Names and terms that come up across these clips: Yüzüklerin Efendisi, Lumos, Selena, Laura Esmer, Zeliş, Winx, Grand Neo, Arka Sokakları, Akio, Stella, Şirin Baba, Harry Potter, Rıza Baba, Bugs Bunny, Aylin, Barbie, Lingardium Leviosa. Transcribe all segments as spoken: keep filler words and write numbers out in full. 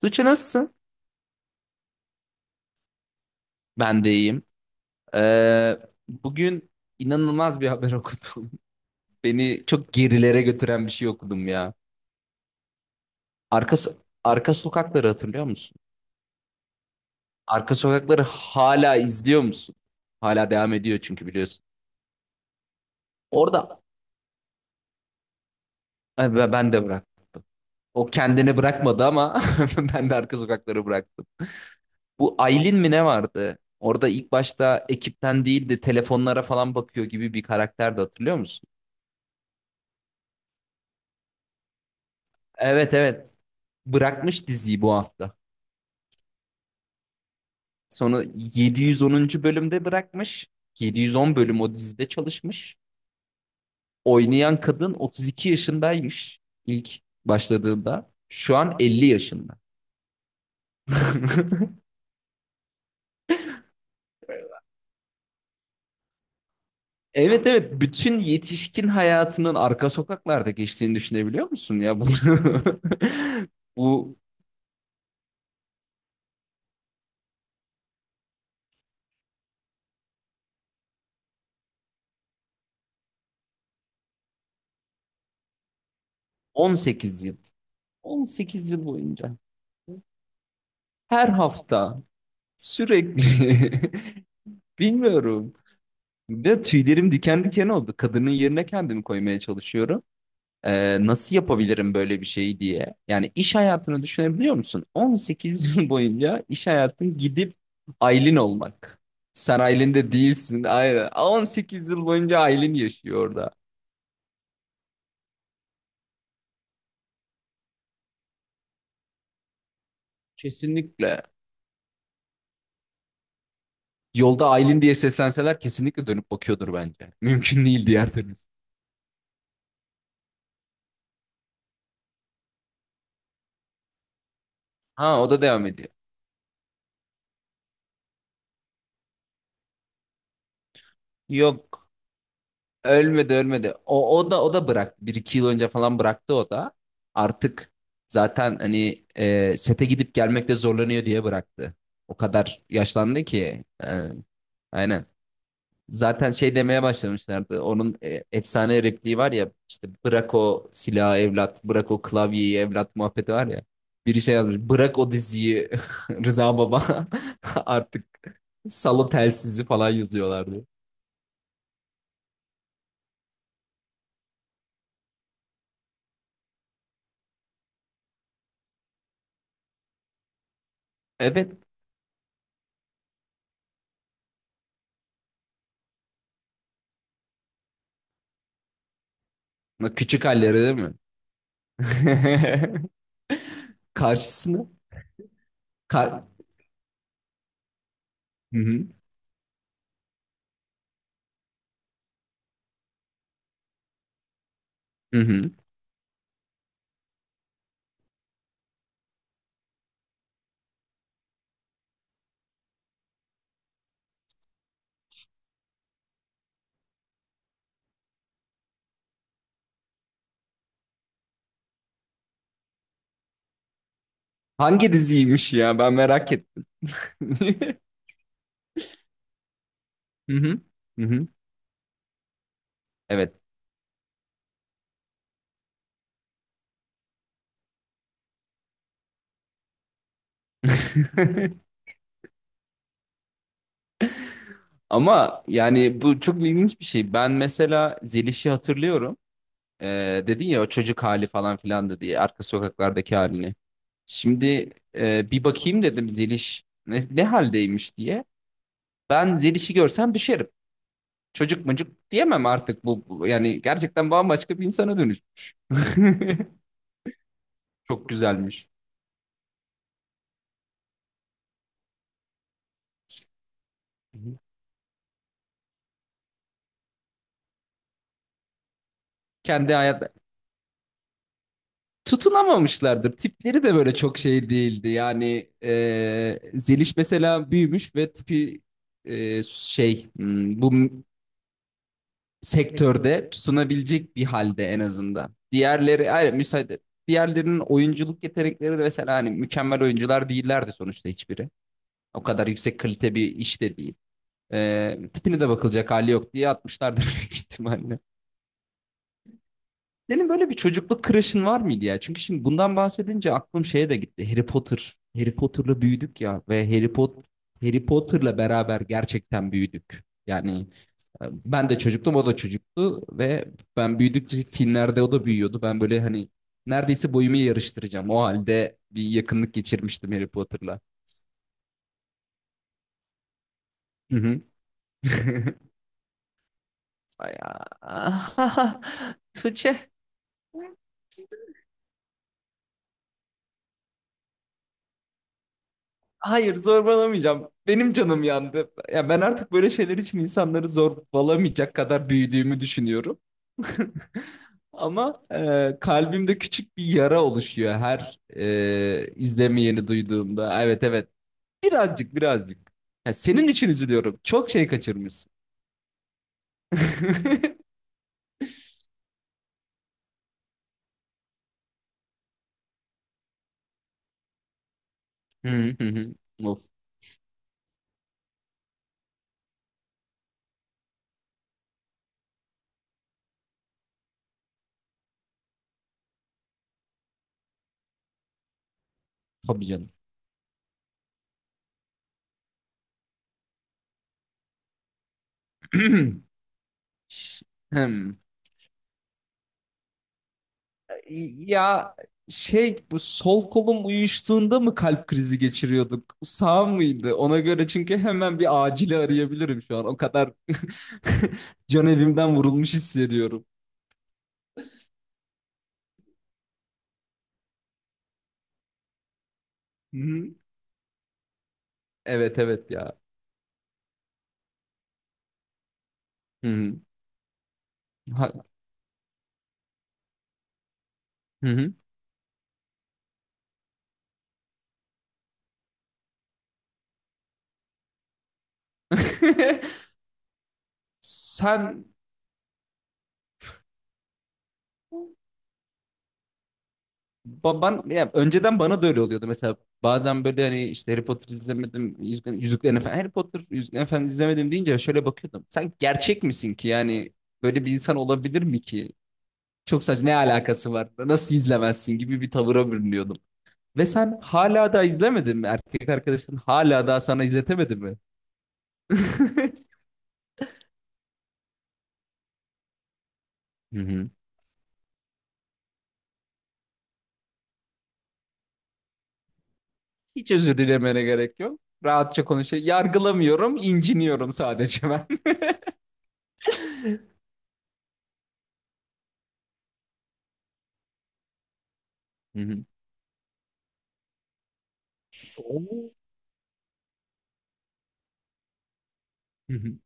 Tuğçe nasılsın? Ben de iyiyim. Ee, Bugün inanılmaz bir haber okudum. Beni çok gerilere götüren bir şey okudum ya. Arka, so-, Arka sokakları hatırlıyor musun? Arka sokakları hala izliyor musun? Hala devam ediyor çünkü biliyorsun. Orada ay, ben ben de bıraktım. O kendini bırakmadı ama ben de arka sokakları bıraktım. Bu Aylin mi ne vardı? Orada ilk başta ekipten değil de telefonlara falan bakıyor gibi bir karakterdi hatırlıyor musun? Evet, evet. Bırakmış diziyi bu hafta. Sonra yedi yüz onuncu. bölümde bırakmış. yedi yüz on bölüm o dizide çalışmış. Oynayan kadın otuz iki yaşındaymış ilk başladığında. Şu an elli yaşında. Evet, evet, bütün yetişkin hayatının arka sokaklarda geçtiğini düşünebiliyor musun ya bunu? Bu on sekiz yıl. on sekiz yıl boyunca her hafta sürekli, bilmiyorum, de tüylerim diken diken oldu. Kadının yerine kendimi koymaya çalışıyorum. Ee, nasıl yapabilirim böyle bir şeyi diye. Yani iş hayatını düşünebiliyor musun? on sekiz yıl boyunca iş hayatın gidip Aylin olmak. Sen Aylin de değilsin. Aynen. on sekiz yıl boyunca Aylin yaşıyor orada. Kesinlikle. Yolda Aylin diye seslenseler kesinlikle dönüp bakıyordur bence. Mümkün değil diğer türlüsü. Ha, o da devam ediyor. Yok. Ölmedi, ölmedi. O, o da o da bıraktı. Bir iki yıl önce falan bıraktı o da. Artık zaten hani e, sete gidip gelmekte zorlanıyor diye bıraktı. O kadar yaşlandı ki. E, aynen. Zaten şey demeye başlamışlardı. Onun e, efsane repliği var ya, işte bırak o silahı evlat, bırak o klavyeyi evlat muhabbeti var ya. Biri şey yazmış, bırak o diziyi Rıza Baba artık salı telsizi falan yazıyorlardı. Evet. Küçük halleri değil mi? Karşısına. Kar. Hı hı. Hı hı. Hangi diziymiş ya? Ben merak ettim. Hı hı. Hı hı. Evet. Ama yani bu çok ilginç bir şey. Ben mesela Zeliş'i hatırlıyorum. Ee, dedin ya o çocuk hali falan filan da diye arka sokaklardaki halini. Şimdi e, bir bakayım dedim Zeliş ne, ne haldeymiş diye. Ben Zeliş'i görsem düşerim. Çocuk mucuk diyemem artık bu bu- yani gerçekten bambaşka bir insana dönüşmüş. Çok güzelmiş. Hı hı. Kendi hayat tutunamamışlardır. Tipleri de böyle çok şey değildi. Yani e, Zeliş mesela büyümüş ve tipi e, şey hmm, bu m- sektörde tutunabilecek bir halde en azından. Diğerleri hayır, müsaade. Diğerlerinin oyunculuk yetenekleri de mesela hani mükemmel oyuncular değillerdi sonuçta hiçbiri. O kadar yüksek kalite bir iş de değil. E, tipine de bakılacak hali yok diye atmışlardır büyük ihtimalle. Senin böyle bir çocukluk crush'ın var mıydı ya? Çünkü şimdi bundan bahsedince aklım şeye de gitti. Harry Potter. Harry Potter'la büyüdük ya ve Harry Pot Harry Potter'la beraber gerçekten büyüdük. Yani e, ben de çocuktum, o da çocuktu ve ben büyüdükçe filmlerde o da büyüyordu. Ben böyle hani neredeyse boyumu yarıştıracağım. O halde bir yakınlık geçirmiştim Harry Potter'la. Hı hı. Ay, ah, Tuğçe, hayır, zorbalamayacağım. Benim canım yandı. Ya ben artık böyle şeyler için insanları zorbalamayacak kadar büyüdüğümü düşünüyorum. Ama e, kalbimde küçük bir yara oluşuyor her e, izlemeyeni duyduğumda. Evet, evet. Birazcık, birazcık. Ya senin için üzülüyorum. Çok şey kaçırmışsın. Hı hı hı. Of, tabii canım. Ş- Hem. Ya şey, bu sol kolum uyuştuğunda mı kalp krizi geçiriyorduk? Sağ mıydı? Ona göre, çünkü hemen bir acili arayabilirim şu an. O kadar can evimden vurulmuş hissediyorum. Hı-hı. Evet, evet ya. Hı-hı. Ha- Hı-hı. Sen baban ya, önceden bana da öyle oluyordu mesela. Bazen böyle hani işte Harry Potter izlemedim, Yüzüklerin, Yüzüklerin Efendisi, Harry Potter, Yüzüklerin Efendisi izlemedim deyince şöyle bakıyordum. Sen gerçek misin ki, yani böyle bir insan olabilir mi ki? Çok saçma, ne alakası var? Nasıl izlemezsin gibi bir tavıra bürünüyordum. Ve sen hala da izlemedin mi? Erkek arkadaşın hala daha sana izletemedi mi? Hı hı. Hiç özür dilemene gerek yok. Rahatça konuş. Yargılamıyorum, inciniyorum sadece ben. Hı hı. Oo. Hı hı.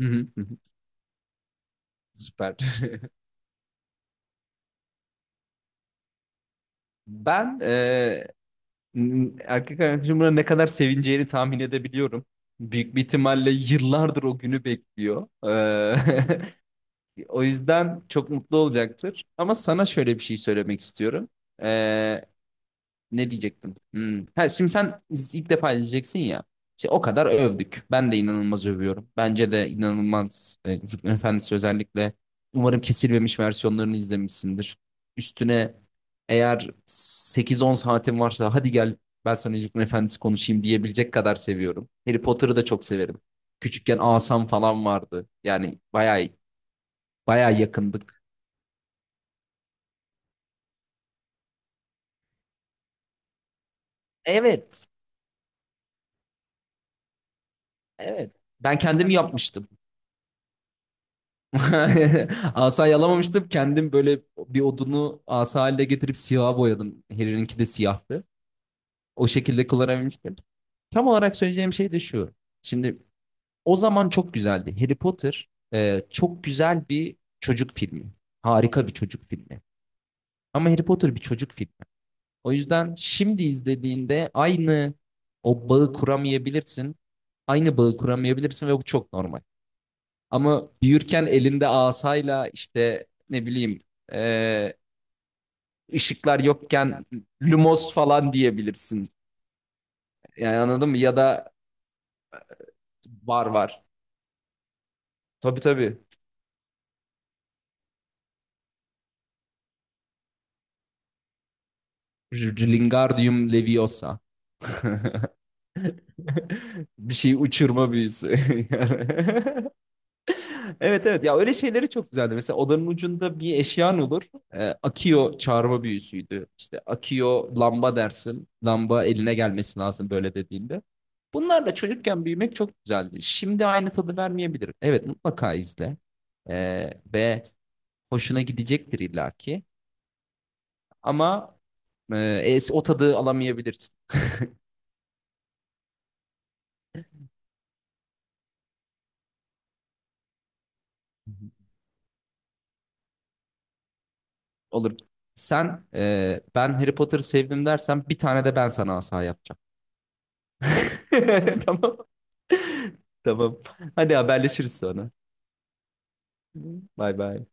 Hı hı. Hı hı. Süper. Ben eee, n- erkek arkadaşımın ne kadar sevineceğini tahmin edebiliyorum. Büyük bir ihtimalle yıllardır o günü bekliyor. Eee, O yüzden çok mutlu olacaktır. Ama sana şöyle bir şey söylemek istiyorum. Ee, Ne diyecektim? Hmm. Ha, Şimdi sen iz- ilk defa izleyeceksin ya. İşte o kadar övdük. Ben de inanılmaz övüyorum. Bence de inanılmaz. E, Yüzüklerin Efendisi özellikle. Umarım kesilmemiş versiyonlarını izlemişsindir. Üstüne eğer sekiz on saatin varsa hadi gel, ben sana Yüzüklerin Efendisi konuşayım diyebilecek kadar seviyorum. Harry Potter'ı da çok severim. Küçükken asam falan vardı. Yani bayağı bayağı yakındık. Evet. Evet. Ben kendim yapmıştım. Asa yalamamıştım. Kendim böyle bir odunu asa haline getirip siyaha boyadım. Harry'ninki de siyahtı. O şekilde kullanabilmiştim. Tam olarak söyleyeceğim şey de şu. Şimdi o zaman çok güzeldi. Harry Potter e, çok güzel bir çocuk filmi. Harika bir çocuk filmi. Ama Harry Potter bir çocuk filmi. O yüzden şimdi izlediğinde aynı o bağı kuramayabilirsin. Aynı bağı kuramayabilirsin ve bu çok normal. Ama büyürken elinde asayla işte ne bileyim e, ışıklar yokken lumos falan diyebilirsin. Yani anladın mı? Ya da var, var. Tabii, tabii. Lingardium Leviosa. Bir şey uçurma büyüsü. Evet, evet ya, öyle şeyleri çok güzeldi. Mesela odanın ucunda bir eşyan olur. Ee, Akio çağırma büyüsüydü. İşte Akio lamba dersin. Lamba eline gelmesi lazım böyle dediğinde. Bunlarla çocukken büyümek çok güzeldi. Şimdi aynı tadı vermeyebilir. Evet, mutlaka izle. Ee, ve hoşuna gidecektir illaki. Ama e, es- o tadı alamayabilirsin. Olur. Sen e, ben Harry Potter'ı sevdim dersen bir tane de ben sana asa yapacağım. Tamam. Tamam. Hadi haberleşiriz sonra. Bay bay.